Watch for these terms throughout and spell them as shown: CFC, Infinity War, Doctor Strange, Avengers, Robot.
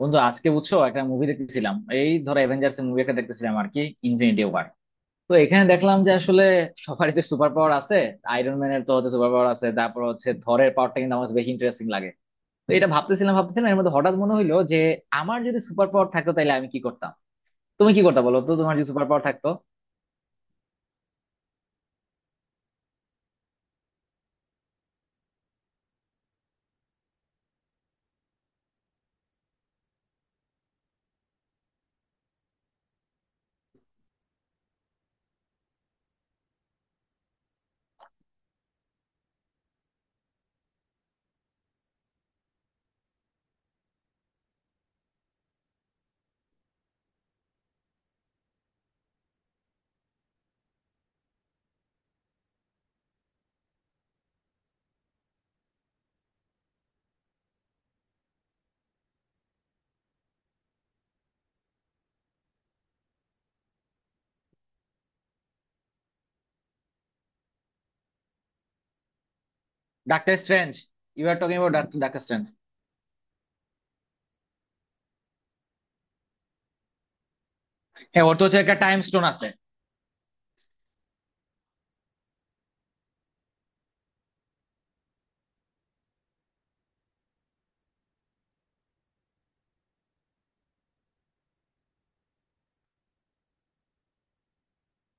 বন্ধু আজকে বুঝছো একটা মুভি দেখতেছিলাম। এই ধরো অ্যাভেঞ্জার্স মুভি একটা দেখতেছিলাম আর কি। Infinity war. তো এখানে দেখলাম যে আসলে সবারই তো সুপার পাওয়ার আছে। আয়রন ম্যানের তো হচ্ছে সুপার পাওয়ার আছে, তারপর হচ্ছে থরের পাওয়ারটা কিন্তু আমার কাছে বেশি ইন্টারেস্টিং লাগে। তো এটা ভাবতেছিলাম ভাবতেছিলাম এর মধ্যে হঠাৎ মনে হইলো যে আমার যদি সুপার পাওয়ার থাকতো তাহলে আমি কি করতাম। তুমি কি করতে বলো তো, তোমার যদি সুপার পাওয়ার থাকতো। Doctor Strange. You are talking about Doctor Strange. হ্যাঁ, ওর তো হচ্ছে একটা টাইম স্টোন আছে।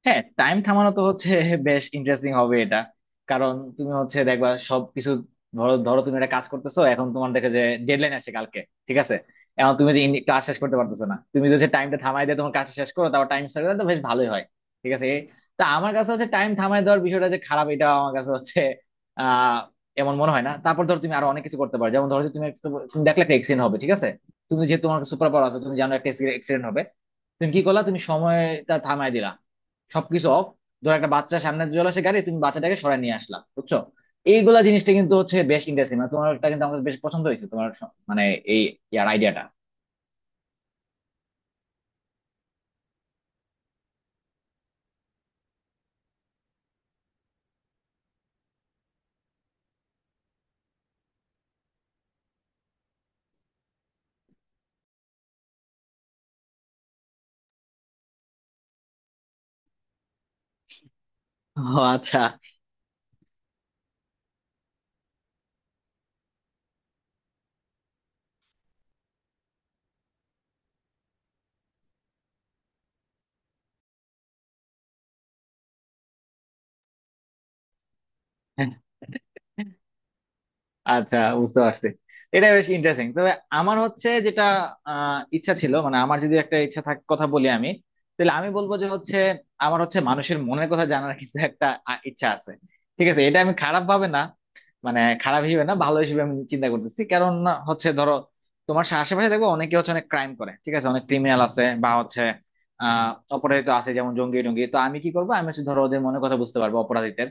হ্যাঁ, টাইম থামানো তো হচ্ছে বেশ ইন্টারেস্টিং হবে এটা। কারণ তুমি হচ্ছে দেখবা সবকিছু। ধরো ধরো তুমি একটা কাজ করতেছো, এখন তোমার দেখে যে ডেডলাইন আসছে কালকে। ঠিক আছে। এখন তুমি যে কাজ শেষ করতে পারতেছো না, তুমি যদি টাইমটা থামাই দিয়ে তোমার কাজ শেষ করো তারপর টাইম স্টার্ট করো তো বেশ ভালোই হয়। ঠিক আছে। তা আমার কাছে হচ্ছে টাইম থামাই দেওয়ার বিষয়টা যে খারাপ এটা আমার কাছে হচ্ছে আহ এমন মনে হয় না। তারপর ধরো তুমি আরো অনেক কিছু করতে পারো, যেমন ধরো যে তুমি একটা তুমি দেখলে একটা এক্সিডেন্ট হবে। ঠিক আছে। তুমি যেহেতু তোমার সুপার পাওয়ার আছে তুমি জানো একটা এক্সিডেন্ট হবে। তুমি কি করলা? তুমি সময়টা থামাই দিলা, সবকিছু অফ। ধর একটা বাচ্চা সামনে চলে আসে গাড়ি, তুমি বাচ্চাটাকে সরায় নিয়ে আসলা, বুঝছো। এইগুলা জিনিসটা কিন্তু হচ্ছে বেশ ইন্টারেস্টিং, মানে তোমারটা কিন্তু আমাদের বেশ পছন্দ হয়েছে, তোমার মানে এই ইয়ার আইডিয়াটা। ও আচ্ছা আচ্ছা, বুঝতে পারছি। এটা বেশ ইন্টারেস্টিং, তবে আমার হচ্ছে যেটা ইচ্ছা ছিল, মানে আমার যদি একটা ইচ্ছা থাক কথা বলি আমি, তাহলে আমি বলবো যে হচ্ছে আমার হচ্ছে মানুষের মনের কথা জানার কিন্তু একটা ইচ্ছা আছে। ঠিক আছে, এটা আমি খারাপ ভাবে না, মানে খারাপ হিসেবে না, ভালো হিসেবে আমি চিন্তা করতেছি। কারণ হচ্ছে ধরো তোমার আশেপাশে দেখবো অনেকে হচ্ছে অনেক ক্রাইম করে, ঠিক আছে, অনেক ক্রিমিনাল আছে বা হচ্ছে আহ অপরাধী তো আছে, যেমন জঙ্গি টঙ্গি। তো আমি কি করবো, আমি হচ্ছে ধরো ওদের মনের কথা বুঝতে পারবো, অপরাধীদের।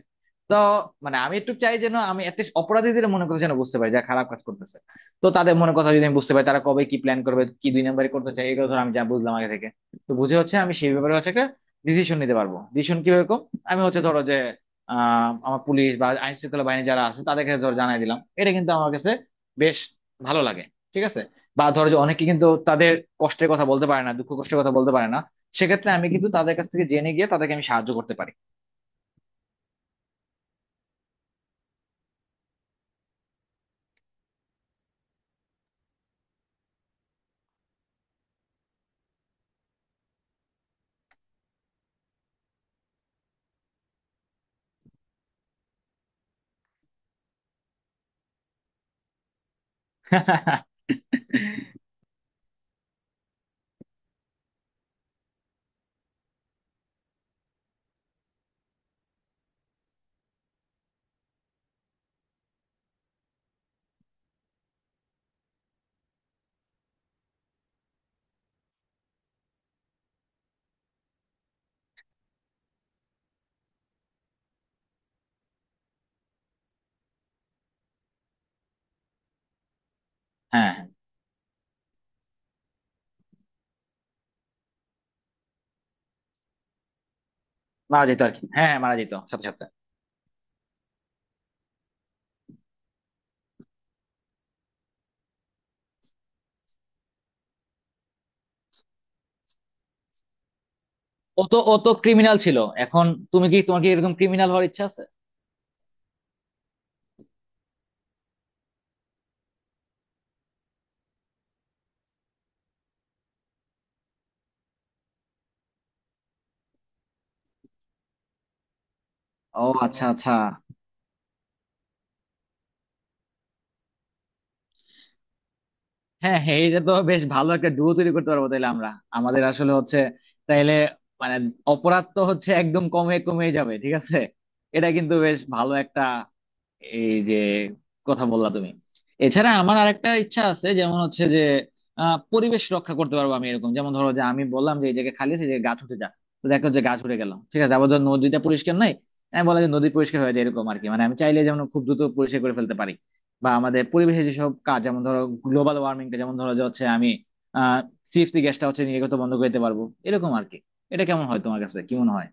তো মানে আমি একটু চাই যেন আমি অ্যাটলিস্ট অপরাধীদের মনের কথা যেন বুঝতে পারি, যা খারাপ কাজ করতেছে। তো তাদের মনের কথা যদি আমি বুঝতে পারি তারা কবে কি প্ল্যান করবে, কি দুই নাম্বারই করতে চাই, এগুলো ধর আমি যা বুঝলাম আগে থেকে। তো বুঝে হচ্ছে আমি সেই ব্যাপারে হচ্ছে একটা ডিসিশন নিতে পারবো, ডিসিশন কিভাবে কম। আমি হচ্ছে ধরো যে আমার পুলিশ বা আইন শৃঙ্খলা বাহিনী যারা আছে তাদেরকে ধর জানাই দিলাম। এটা কিন্তু আমার কাছে বেশ ভালো লাগে। ঠিক আছে। বা ধরো যে অনেকে কিন্তু তাদের কষ্টের কথা বলতে পারে না, দুঃখ কষ্টের কথা বলতে পারে না। সেক্ষেত্রে আমি কিন্তু তাদের কাছ থেকে জেনে গিয়ে তাদেরকে আমি সাহায্য করতে পারি। হ্যাঁ, মারা যেত আর কি। হ্যাঁ হ্যাঁ, মারা যেত সাথে সাথে। ও তো, ও তো ক্রিমিনাল ছিল। এখন তুমি কি, তোমার কি এরকম ক্রিমিনাল হওয়ার ইচ্ছা আছে? ও আচ্ছা আচ্ছা। হ্যাঁ হ্যাঁ, এইটা তো বেশ ভালো একটা ডুও তৈরি করতে পারবো তাহলে আমরা। আমাদের আসলে হচ্ছে তাইলে মানে অপরাধ তো হচ্ছে একদম কমে কমে যাবে। ঠিক আছে। এটা কিন্তু বেশ ভালো একটা এই যে কথা বললা তুমি। এছাড়া আমার আরেকটা ইচ্ছা আছে, যেমন হচ্ছে যে পরিবেশ রক্ষা করতে পারবো আমি এরকম। যেমন ধরো যে আমি বললাম যে এই জায়গায় খালি আছে যে গাছ উঠে যা, তো দেখো যে গাছ উঠে গেলাম। ঠিক আছে। আবার ধর নদীটা পরিষ্কার নাই, আমি বললাম যে নদী পরিষ্কার হয়ে যায়, এরকম আর কি। মানে আমি চাইলে যেমন খুব দ্রুত পরিষ্কার করে ফেলতে পারি। বা আমাদের পরিবেশে যেসব কাজ, যেমন ধরো গ্লোবাল ওয়ার্মিংটা, যেমন ধরো যে হচ্ছে আমি আহ সিএফসি গ্যাসটা হচ্ছে নির্গত বন্ধ করে দিতে পারবো, এরকম আর কি। এটা কেমন হয়, তোমার কাছে কি মনে হয়?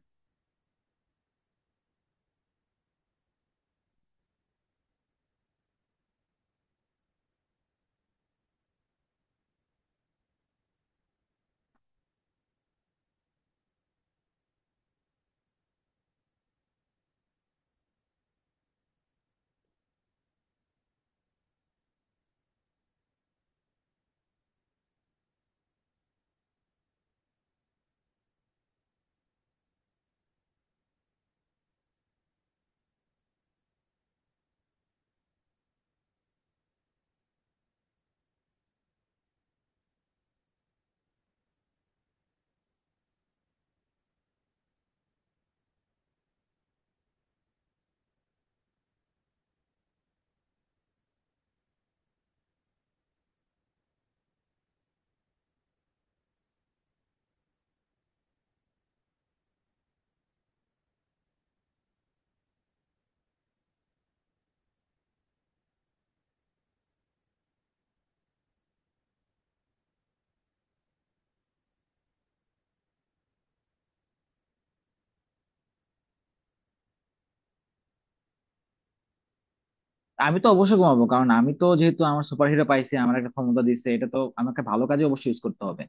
আমি তো অবশ্যই ঘুমাবো, কারণ আমি তো যেহেতু আমার সুপারহিরো পাইছি, আমার একটা ক্ষমতা দিচ্ছে, এটা তো আমাকে ভালো কাজে অবশ্যই ইউজ করতে হবে।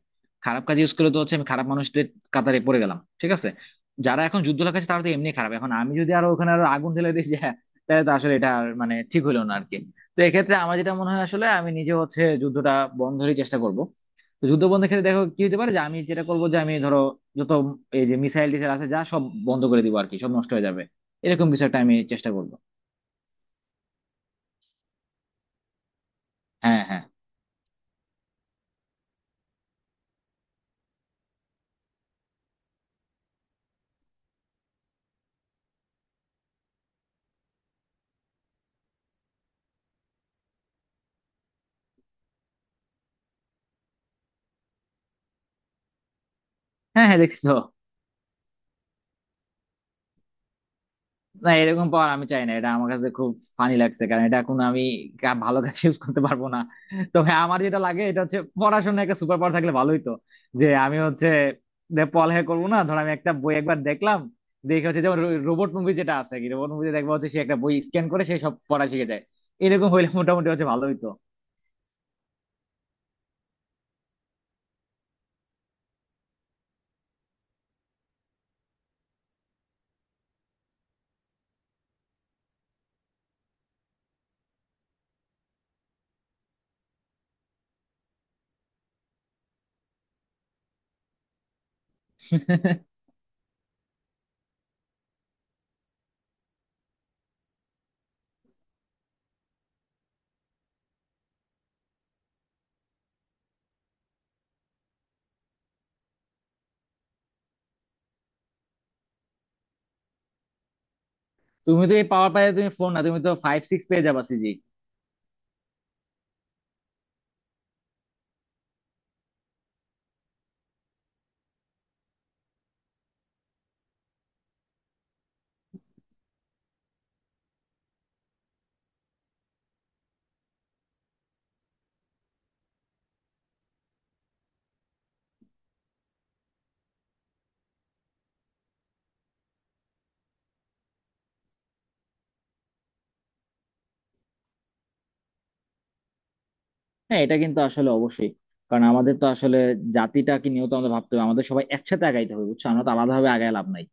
খারাপ কাজে ইউজ করলে তো হচ্ছে আমি খারাপ মানুষদের কাতারে পড়ে গেলাম। ঠিক আছে। যারা এখন যুদ্ধ লাগাচ্ছে তারা তো এমনি খারাপ, এখন আমি যদি আরো ওখানে আরো আগুন ঢেলে দিই যে হ্যাঁ, তাহলে তো আসলে এটা আর মানে ঠিক হইলো না আরকি। তো এক্ষেত্রে আমার যেটা মনে হয় আসলে আমি নিজে হচ্ছে যুদ্ধটা বন্ধেরই চেষ্টা করব। তো যুদ্ধ বন্ধের ক্ষেত্রে দেখো কি হতে পারে, যে আমি যেটা করবো যে আমি ধরো যত এই যে মিসাইল টিসাইল আছে যা সব বন্ধ করে দিবো আর কি, সব নষ্ট হয়ে যাবে। এরকম কিছু একটা আমি চেষ্টা করবো। হ্যাঁ হ্যাঁ। হ্যাঁ দেখছি তো। না, এরকম পাওয়ার আমি চাই না, এটা আমার কাছে খুব ফানি লাগছে, কারণ এটা এখন আমি ভালো কাজে ইউজ করতে পারবো না। তবে আমার যেটা লাগে এটা হচ্ছে পড়াশোনায় একটা সুপার পাওয়ার থাকলে ভালোই তো। যে আমি হচ্ছে যে পড়ালেখা করবো না, ধর আমি একটা বই একবার দেখলাম, দেখে হচ্ছে। যেমন রোবট মুভি যেটা আছে, কি রোবট মুভিতে দেখবো হচ্ছে সে একটা বই স্ক্যান করে সে সব পড়া শিখে যায়। এরকম হইলে মোটামুটি হচ্ছে ভালোই তো। তুমি তো এই পাওয়ার পাইলে তুমি ফোন না, তুমি তো 5 6 পেয়ে যাবা সিজি। হ্যাঁ, এটা কিন্তু আসলে অবশ্যই। কারণ আমাদের তো আসলে জাতিটাকে নিয়েও তো আমাদের ভাবতে হবে, আমাদের সবাই একসাথে আগাইতে হবে, বুঝছো, আমরা তো আলাদাভাবে আগায় লাভ নাই।